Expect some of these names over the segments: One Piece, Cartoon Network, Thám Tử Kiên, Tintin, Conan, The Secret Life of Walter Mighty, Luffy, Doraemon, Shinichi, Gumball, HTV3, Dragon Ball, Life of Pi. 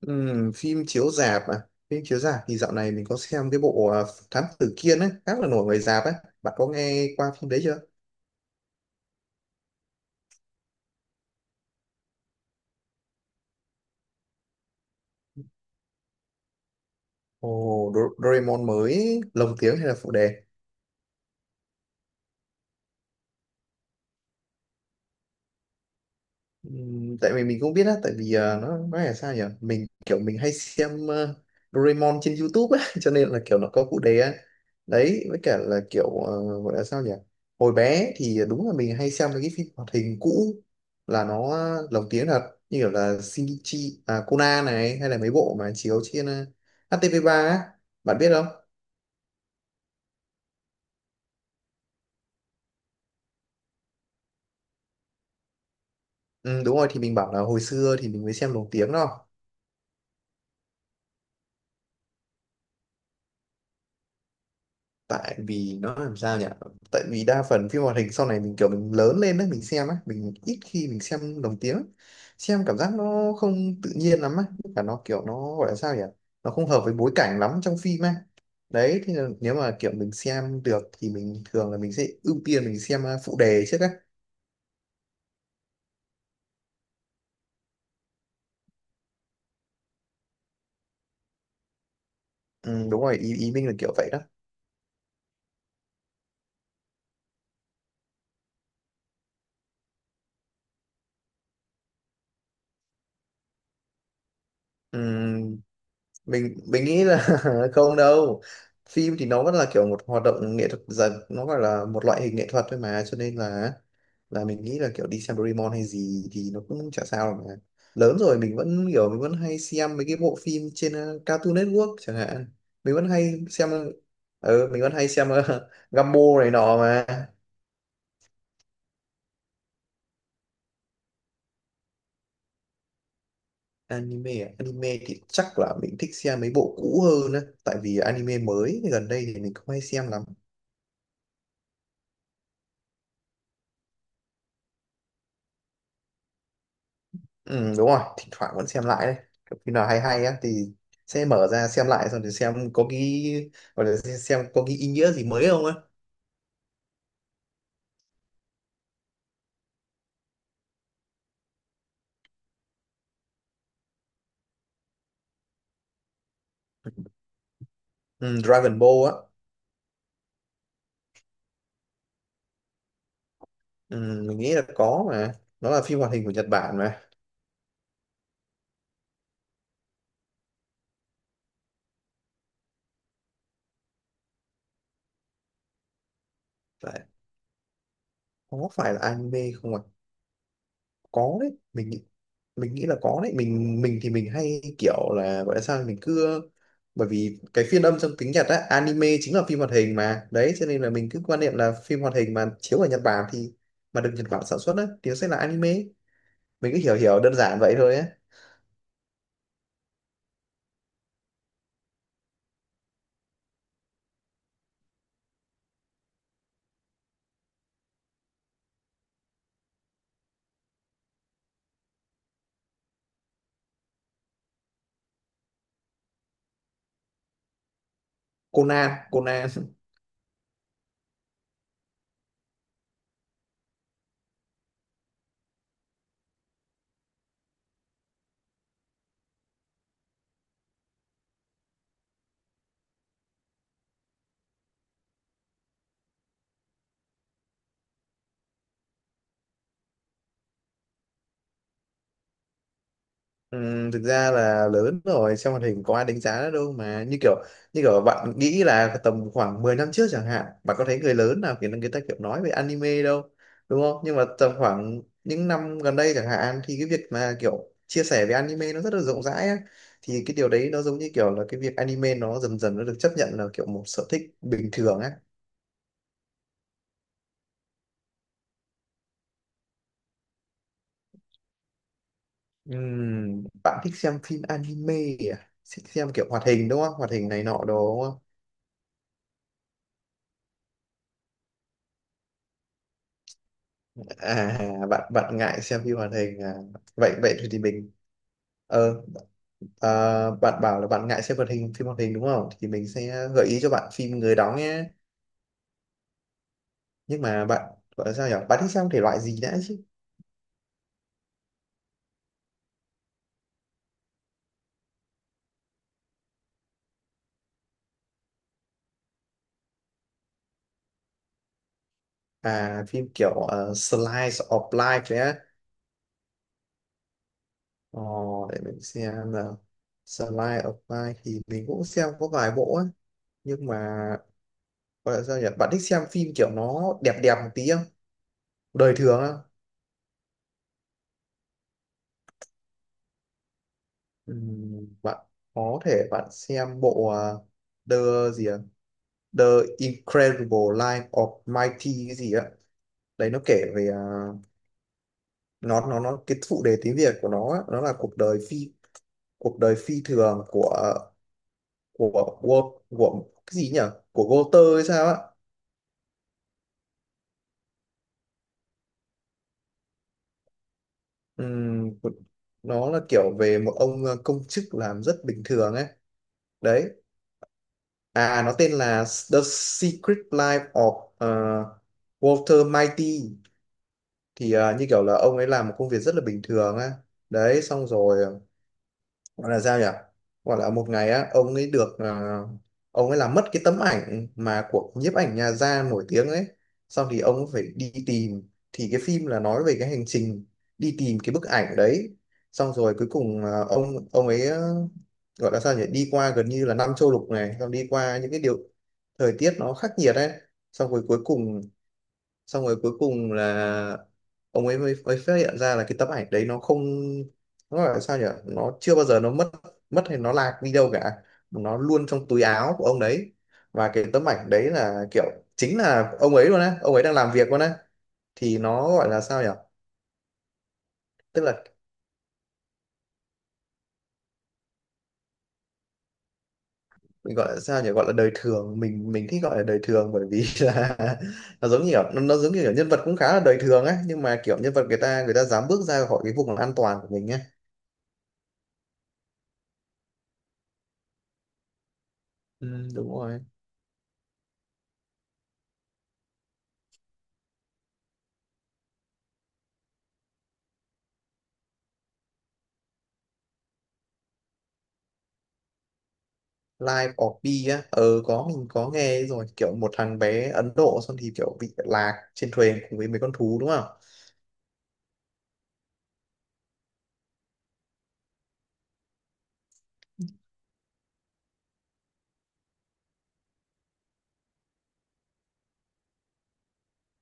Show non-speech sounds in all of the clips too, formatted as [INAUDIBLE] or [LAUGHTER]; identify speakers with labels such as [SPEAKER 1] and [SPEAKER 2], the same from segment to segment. [SPEAKER 1] Phim chiếu rạp à? Phim chiếu rạp thì dạo này mình có xem cái bộ à, Thám Tử Kiên ấy khá là nổi ngoài rạp ấy. Bạn có nghe qua phim đấy chưa? Ồ, Doraemon mới lồng tiếng hay là phụ đề? Tại vì mình cũng biết á, tại vì nó nói là sao nhỉ, mình kiểu mình hay xem Doraemon trên YouTube á [LAUGHS] cho nên là kiểu nó có phụ đề á. Đấy, với cả là kiểu gọi là sao nhỉ, hồi bé thì đúng là mình hay xem mấy cái phim hoạt hình cũ là nó lồng tiếng thật, như kiểu là Shinichi à, Conan này, hay là mấy bộ mà chiếu trên HTV3 á, bạn biết không? Ừ, đúng rồi, thì mình bảo là hồi xưa thì mình mới xem lồng tiếng đâu. Tại vì nó làm sao nhỉ, tại vì đa phần phim hoạt hình sau này mình kiểu mình lớn lên đó mình xem á, mình ít khi mình xem lồng tiếng. Xem cảm giác nó không tự nhiên lắm á, và nó kiểu nó gọi là sao nhỉ, nó không hợp với bối cảnh lắm trong phim á. Đấy thì là nếu mà kiểu mình xem được thì mình thường là mình sẽ ưu tiên mình xem phụ đề trước á. Ừ, đúng rồi, ý ý mình là kiểu vậy đó. Ừ, mình nghĩ là [LAUGHS] không đâu. Phim thì nó vẫn là kiểu một hoạt động nghệ thuật, dần nó gọi là một loại hình nghệ thuật thôi mà, cho nên là mình nghĩ là kiểu đi xem Doraemon hay gì thì nó cũng chả sao mà. Lớn rồi mình vẫn kiểu mình vẫn hay xem mấy cái bộ phim trên Cartoon Network chẳng hạn, mình vẫn hay xem. Ừ, mình vẫn hay xem [LAUGHS] Gumball này nọ mà. Anime à? Anime thì chắc là mình thích xem mấy bộ cũ hơn á, tại vì anime mới gần đây thì mình không hay xem lắm. Ừ, đúng rồi, thỉnh thoảng vẫn xem lại đấy. Kiểu khi nào hay hay á thì sẽ mở ra xem lại, xong thì xem có cái gọi là xem có cái ý nghĩa gì mới không á. Ừ, Dragon Ball á. Ừ, mình nghĩ là có mà, nó là phim hoạt hình của Nhật Bản mà. Phải, có phải là anime không ạ? Có đấy, mình nghĩ là có đấy, mình thì mình hay kiểu là gọi là sao, mình cứ. Bởi vì cái phiên âm trong tiếng Nhật á, anime chính là phim hoạt hình mà, đấy cho nên là mình cứ quan niệm là phim hoạt hình mà chiếu ở Nhật Bản thì mà được Nhật Bản sản xuất á thì nó sẽ là anime. Mình cứ hiểu hiểu đơn giản vậy thôi á. Conan, Conan. Thực ra là lớn rồi xem hoạt hình có ai đánh giá nó đâu mà, như kiểu bạn nghĩ là tầm khoảng 10 năm trước chẳng hạn, bạn có thấy người lớn nào kiểu người ta kiểu nói về anime đâu, đúng không? Nhưng mà tầm khoảng những năm gần đây chẳng hạn thì cái việc mà kiểu chia sẻ về anime nó rất là rộng rãi á. Thì cái điều đấy nó giống như kiểu là cái việc anime nó dần dần nó được chấp nhận là kiểu một sở thích bình thường á. Bạn thích xem phim anime à, thích xem kiểu hoạt hình đúng không, hoạt hình này nọ đồ đúng? À, bạn bạn ngại xem phim hoạt hình à? Vậy vậy thì mình ờ à, bạn bảo là bạn ngại xem hoạt hình phim hoạt hình đúng không, thì mình sẽ gợi ý cho bạn phim người đóng nhé. Nhưng mà bạn gọi là sao nhỉ, bạn thích xem thể loại gì đã chứ? À phim kiểu slice of life đấy á. ờ, để mình xem nào. Slice of life thì mình cũng xem có vài bộ á, nhưng mà gọi là sao nhỉ, bạn thích xem phim kiểu nó đẹp đẹp một tí không? Đời thường á, bạn có thể bạn xem bộ à, The gì ạ, The Incredible Life of Mighty cái gì á. Đấy nó kể về à, nó cái phụ đề tiếng Việt của nó á, nó là cuộc đời phi, cuộc đời phi thường của, của cái gì nhỉ, của Walter hay sao á. Ừm, nó là kiểu về một ông công chức làm rất bình thường ấy. Đấy, à nó tên là The Secret Life of Walter Mighty, thì à, như kiểu là ông ấy làm một công việc rất là bình thường á. Đấy xong rồi gọi là sao nhỉ, gọi là một ngày á ông ấy được à, ông ấy làm mất cái tấm ảnh mà của nhiếp ảnh nhà gia nổi tiếng ấy, xong thì ông ấy phải đi tìm, thì cái phim là nói về cái hành trình đi tìm cái bức ảnh đấy. Xong rồi cuối cùng à, ông ấy à, gọi là sao nhỉ, đi qua gần như là năm châu lục này, xong đi qua những cái điều thời tiết nó khắc nghiệt ấy. xong rồi cuối cùng Xong rồi cuối cùng là ông ấy mới phát hiện ra là cái tấm ảnh đấy nó không, nó gọi là sao nhỉ, nó chưa bao giờ nó mất, mất hay nó lạc đi đâu cả, nó luôn trong túi áo của ông đấy. Và cái tấm ảnh đấy là kiểu chính là ông ấy luôn á, ông ấy đang làm việc luôn á. Thì nó gọi là sao nhỉ, tức là mình gọi là sao nhỉ, gọi là đời thường, mình thích gọi là đời thường bởi vì [LAUGHS] là nó giống như kiểu nhân vật cũng khá là đời thường ấy, nhưng mà kiểu nhân vật người ta dám bước ra khỏi cái vùng an toàn của mình á. Ừ, đúng rồi. Life of Pi á, có, mình có nghe rồi, kiểu một thằng bé Ấn Độ xong thì kiểu bị lạc trên thuyền cùng với mấy con thú đúng không?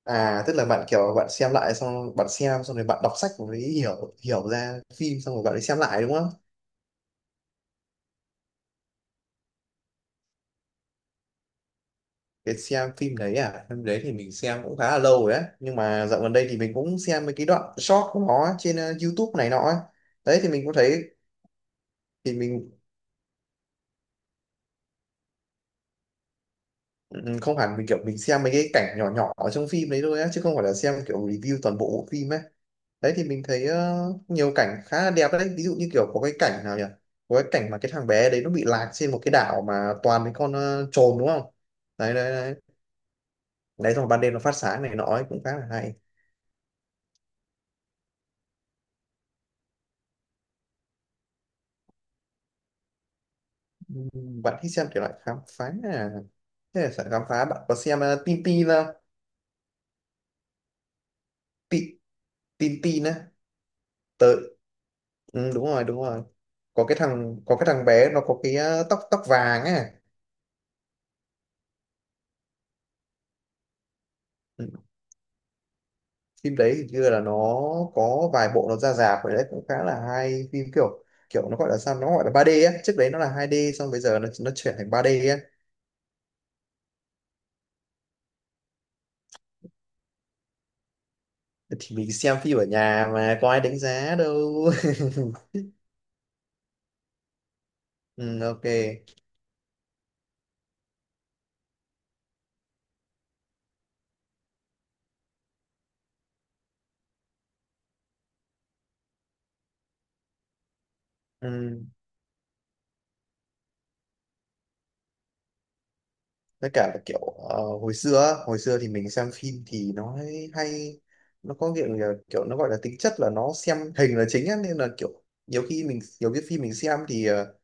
[SPEAKER 1] À tức là bạn kiểu bạn xem lại, xong bạn xem xong rồi bạn đọc sách mới hiểu hiểu ra phim, xong rồi bạn đi xem lại đúng không? Cái xem phim đấy à, phim đấy thì mình xem cũng khá là lâu rồi á, nhưng mà dạo gần đây thì mình cũng xem mấy cái đoạn short của nó trên YouTube này nọ ấy. Đấy thì mình cũng thấy, thì mình. Ừ, không hẳn mình kiểu mình xem mấy cái cảnh nhỏ nhỏ ở trong phim đấy thôi á, chứ không phải là xem kiểu review toàn bộ bộ phim ấy. Đấy thì mình thấy nhiều cảnh khá là đẹp đấy, ví dụ như kiểu có cái cảnh nào nhỉ, có cái cảnh mà cái thằng bé đấy nó bị lạc trên một cái đảo mà toàn mấy con trồn đúng không? Đấy đấy đấy, đấy xong rồi ban đêm nó phát sáng này nọ ấy cũng khá là hay. Ừ, bạn thích xem kiểu loại khám phá à, thế là sợ khám phá, bạn có xem tin tin không? Tin, tin tin á, tới. Ừ, đúng rồi, đúng rồi. Có cái thằng bé nó có cái tóc tóc vàng ấy. Ừ. Phim đấy thì như là nó có vài bộ nó ra rạp rồi đấy, cũng khá là hay, phim kiểu kiểu nó gọi là sao, nó gọi là 3D á, trước đấy nó là 2D, xong bây giờ nó chuyển thành 3D á. Thì mình xem phim ở nhà mà có ai đánh giá đâu. [LAUGHS] Ừ, ok. Ừ. Với cả là kiểu hồi xưa á, hồi xưa thì mình xem phim thì nó hay hay- nó có kiểu là kiểu nó gọi là tính chất là nó xem hình là chính á, nên là kiểu nhiều khi mình nhiều cái phim mình xem thì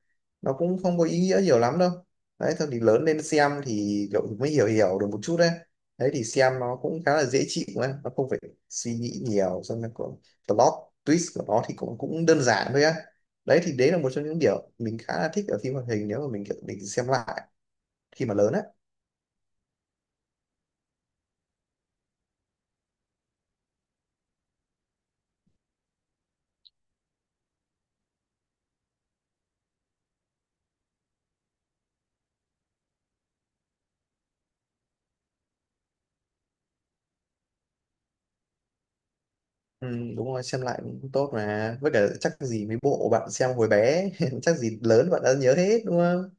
[SPEAKER 1] nó cũng không có ý nghĩa nhiều lắm đâu. Đấy thôi thì lớn lên xem thì cậu mới hiểu hiểu được một chút đấy. Đấy thì xem nó cũng khá là dễ chịu ấy, nó không phải suy nghĩ nhiều, xong rồi còn plot twist của nó thì cũng cũng đơn giản thôi á. Đấy thì đấy là một trong những điều mình khá là thích ở phim hoạt hình nếu mà mình kiểu mình xem lại khi mà lớn á. Ừ, đúng rồi, xem lại cũng tốt mà, với cả chắc gì mấy bộ bạn xem hồi bé, [LAUGHS] chắc gì lớn bạn đã nhớ hết đúng không?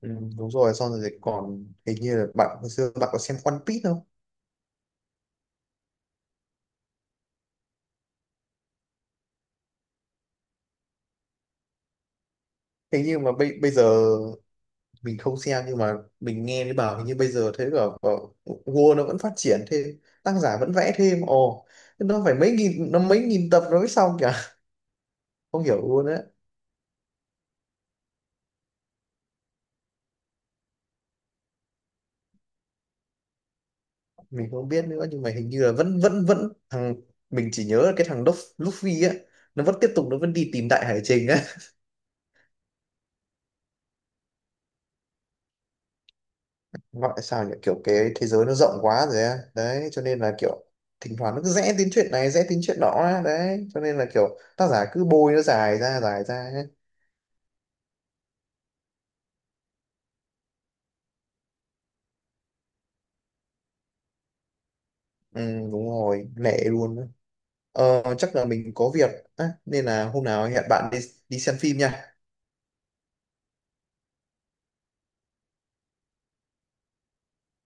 [SPEAKER 1] Ừ, đúng rồi, xong rồi còn hình như là bạn hồi xưa bạn có xem One Piece không? Thế nhưng mà bây bây giờ mình không xem, nhưng mà mình nghe thấy bảo hình như bây giờ thấy bảo Word nó vẫn phát triển thêm, tác giả vẫn vẽ thêm. Ồ, thế nó phải mấy nghìn, nó mấy nghìn tập nó mới xong kìa. [LAUGHS] Không hiểu luôn á. Mình không biết nữa nhưng mà hình như là vẫn vẫn vẫn thằng, mình chỉ nhớ là cái thằng Luffy á, nó vẫn tiếp tục, nó vẫn đi tìm đại hải trình á. [LAUGHS] Gọi là sao nhỉ, kiểu cái thế giới nó rộng quá rồi á, đấy cho nên là kiểu thỉnh thoảng nó cứ rẽ đến chuyện này rẽ đến chuyện đó á. Đấy cho nên là kiểu tác giả cứ bôi nó dài ra ấy. Ừ, đúng rồi, lẻ luôn á. Chắc là mình có việc á, nên là hôm nào hẹn bạn đi, đi xem phim nha.